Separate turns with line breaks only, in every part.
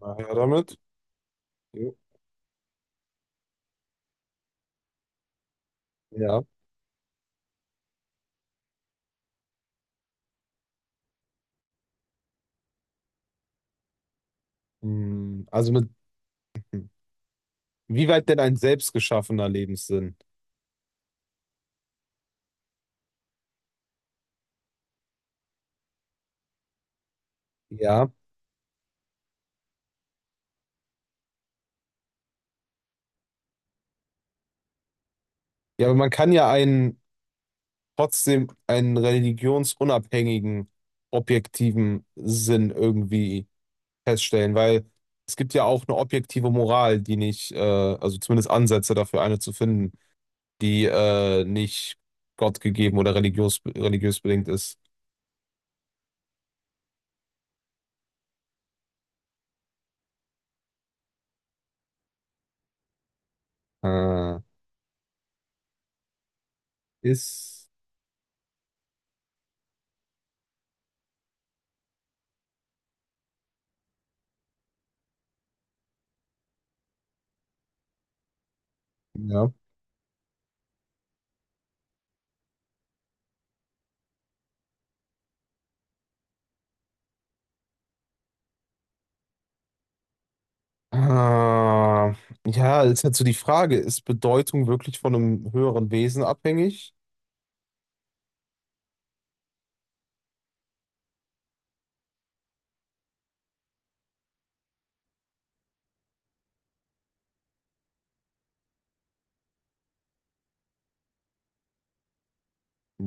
Na her damit. Jo. Ja. Hm, wie weit denn ein selbstgeschaffener Lebenssinn? Ja. Ja, aber man kann ja einen trotzdem einen religionsunabhängigen, objektiven Sinn irgendwie feststellen, weil es gibt ja auch eine objektive Moral, die nicht, also zumindest Ansätze dafür, eine zu finden, die nicht gottgegeben oder religiös bedingt ist. Äh, ist, ja. Ah, ja, ist halt so die Frage, ist Bedeutung wirklich von einem höheren Wesen abhängig?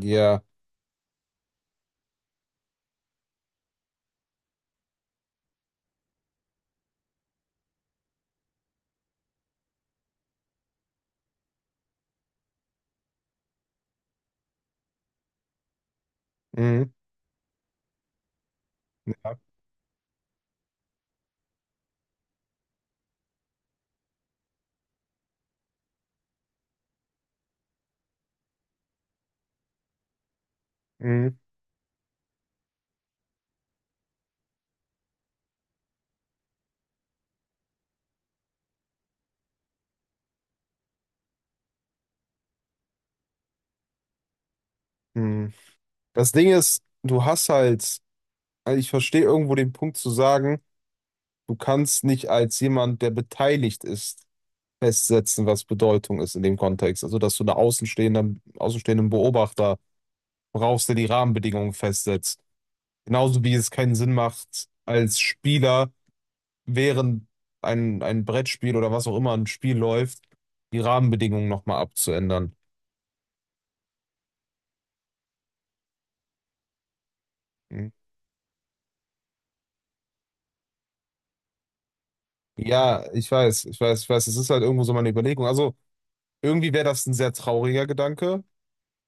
Ja. Mhm. Ja. Mhm. Mhm. Das Ding ist, du hast halt, also ich verstehe irgendwo den Punkt zu sagen, du kannst nicht als jemand, der beteiligt ist, festsetzen, was Bedeutung ist in dem Kontext. Also, dass du einen außenstehenden Beobachter brauchst, der die Rahmenbedingungen festsetzt. Genauso wie es keinen Sinn macht, als Spieler während ein Brettspiel oder was auch immer ein Spiel läuft, die Rahmenbedingungen nochmal abzuändern. Mhm. Ja, ich weiß, es ist halt irgendwo so meine Überlegung. Also irgendwie wäre das ein sehr trauriger Gedanke,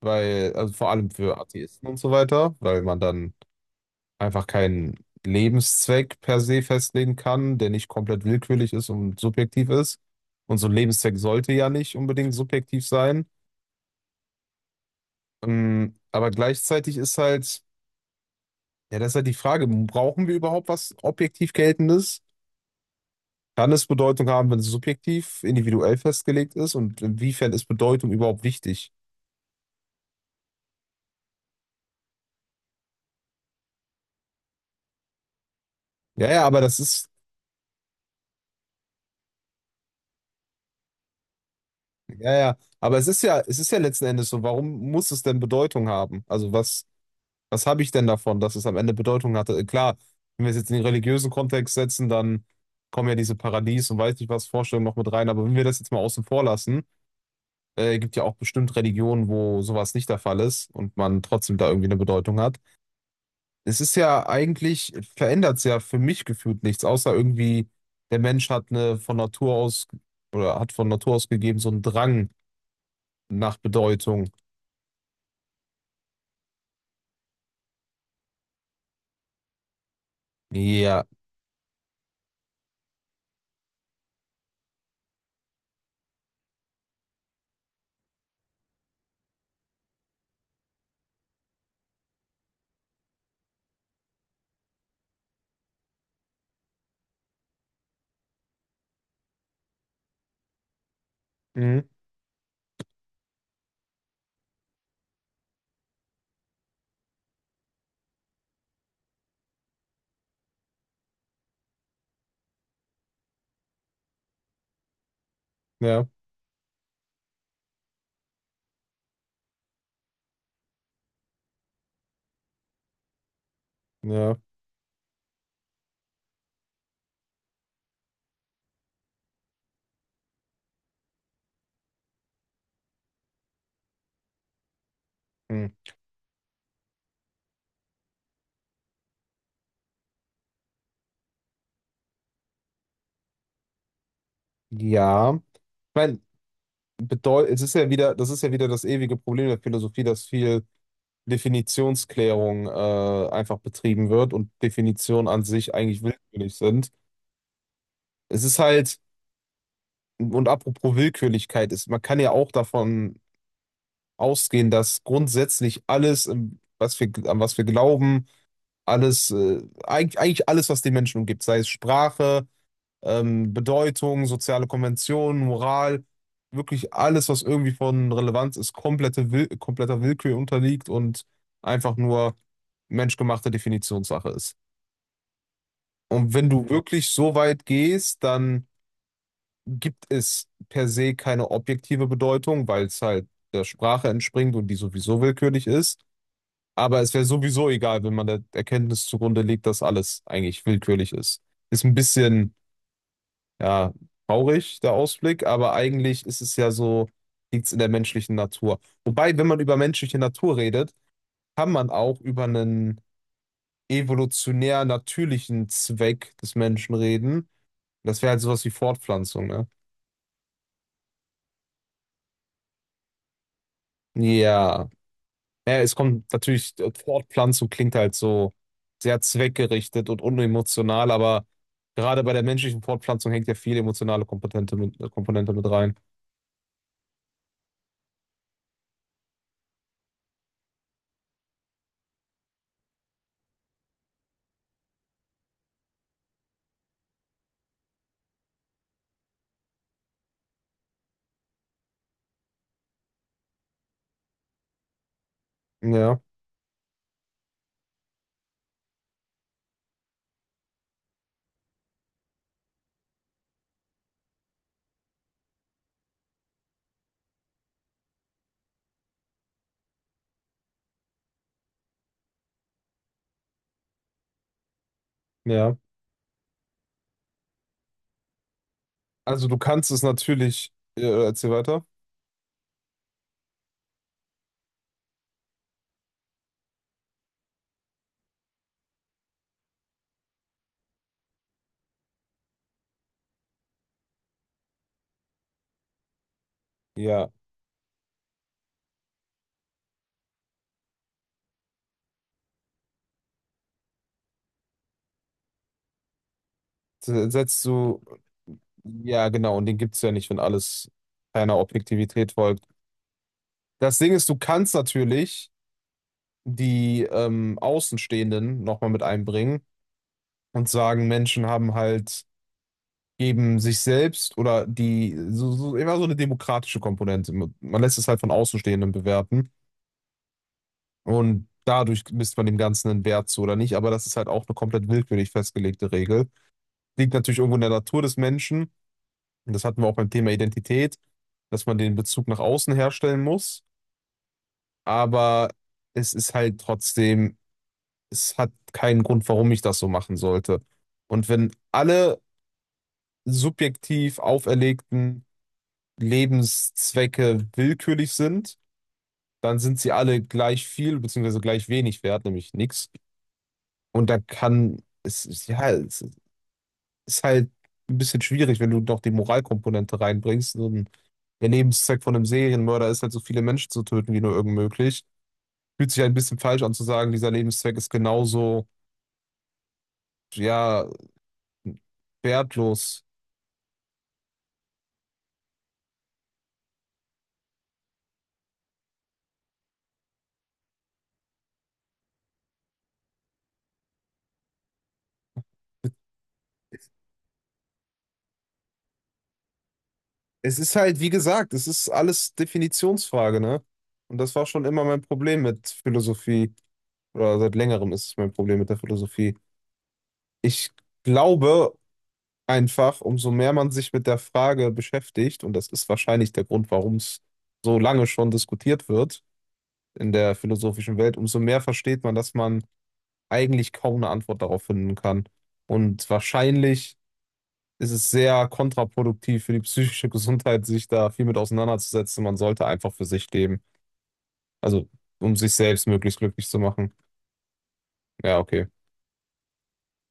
weil, also vor allem für Atheisten und so weiter, weil man dann einfach keinen Lebenszweck per se festlegen kann, der nicht komplett willkürlich ist und subjektiv ist. Und so ein Lebenszweck sollte ja nicht unbedingt subjektiv sein. Aber gleichzeitig ist halt. Ja, das ist halt die Frage. Brauchen wir überhaupt was objektiv Geltendes? Kann es Bedeutung haben, wenn es subjektiv, individuell festgelegt ist? Und inwiefern ist Bedeutung überhaupt wichtig? Ja, ja, aber das ist, ja, aber es ist ja letzten Endes so, warum muss es denn Bedeutung haben? Was habe ich denn davon, dass es am Ende Bedeutung hatte? Klar, wenn wir es jetzt in den religiösen Kontext setzen, dann kommen ja diese Paradies und weiß nicht was Vorstellungen noch mit rein. Aber wenn wir das jetzt mal außen vor lassen, gibt ja auch bestimmt Religionen, wo sowas nicht der Fall ist und man trotzdem da irgendwie eine Bedeutung hat. Es ist ja eigentlich, verändert es ja für mich gefühlt nichts, außer irgendwie, der Mensch hat eine von Natur aus oder hat von Natur aus gegeben so einen Drang nach Bedeutung. Ja, mhm. Ja, ja, mhm. Ja. Ich meine, es ist ja wieder, das ist ja wieder das ewige Problem der Philosophie, dass viel Definitionsklärung einfach betrieben wird und Definitionen an sich eigentlich willkürlich sind. Es ist halt, und apropos Willkürlichkeit ist, man kann ja auch davon ausgehen, dass grundsätzlich alles, an was wir glauben, alles, eigentlich alles, was den Menschen umgibt, sei es Sprache, Bedeutung, soziale Konventionen, Moral, wirklich alles, was irgendwie von Relevanz ist, kompletter Willkür unterliegt und einfach nur menschgemachte Definitionssache ist. Und wenn du wirklich so weit gehst, dann gibt es per se keine objektive Bedeutung, weil es halt der Sprache entspringt und die sowieso willkürlich ist. Aber es wäre sowieso egal, wenn man der Erkenntnis zugrunde legt, dass alles eigentlich willkürlich ist. Ist ein bisschen, ja, traurig, der Ausblick, aber eigentlich ist es ja so, liegt es in der menschlichen Natur. Wobei, wenn man über menschliche Natur redet, kann man auch über einen evolutionär natürlichen Zweck des Menschen reden. Das wäre halt sowas wie Fortpflanzung, ne? Ja. Naja, es kommt natürlich, Fortpflanzung klingt halt so sehr zweckgerichtet und unemotional, aber gerade bei der menschlichen Fortpflanzung hängt ja viel emotionale Komponente mit, Komponente mit rein. Ja, ja. Also du kannst es natürlich, erzähl weiter. Ja, setzt du, ja genau, und den gibt es ja nicht, wenn alles einer Objektivität folgt. Das Ding ist, du kannst natürlich die Außenstehenden nochmal mit einbringen und sagen, Menschen haben halt eben sich selbst oder die, so, immer so eine demokratische Komponente. Man lässt es halt von Außenstehenden bewerten und dadurch misst man dem Ganzen einen Wert zu oder nicht, aber das ist halt auch eine komplett willkürlich festgelegte Regel. Liegt natürlich irgendwo in der Natur des Menschen, und das hatten wir auch beim Thema Identität, dass man den Bezug nach außen herstellen muss, aber es ist halt trotzdem, es hat keinen Grund, warum ich das so machen sollte. Und wenn alle subjektiv auferlegten Lebenszwecke willkürlich sind, dann sind sie alle gleich viel beziehungsweise gleich wenig wert, nämlich nichts. Und da ja, es ist halt ein bisschen schwierig, wenn du noch die Moralkomponente reinbringst. Und der Lebenszweck von einem Serienmörder ist halt, so viele Menschen zu töten wie nur irgend möglich. Fühlt sich halt ein bisschen falsch an zu sagen, dieser Lebenszweck ist genauso, ja, wertlos. Es ist halt, wie gesagt, es ist alles Definitionsfrage, ne? Und das war schon immer mein Problem mit Philosophie. Oder seit längerem ist es mein Problem mit der Philosophie. Ich glaube einfach, umso mehr man sich mit der Frage beschäftigt, und das ist wahrscheinlich der Grund, warum es so lange schon diskutiert wird in der philosophischen Welt, umso mehr versteht man, dass man eigentlich kaum eine Antwort darauf finden kann. Und wahrscheinlich ist es sehr kontraproduktiv für die psychische Gesundheit, sich da viel mit auseinanderzusetzen. Man sollte einfach für sich leben. Also, um sich selbst möglichst glücklich zu machen. Ja, okay.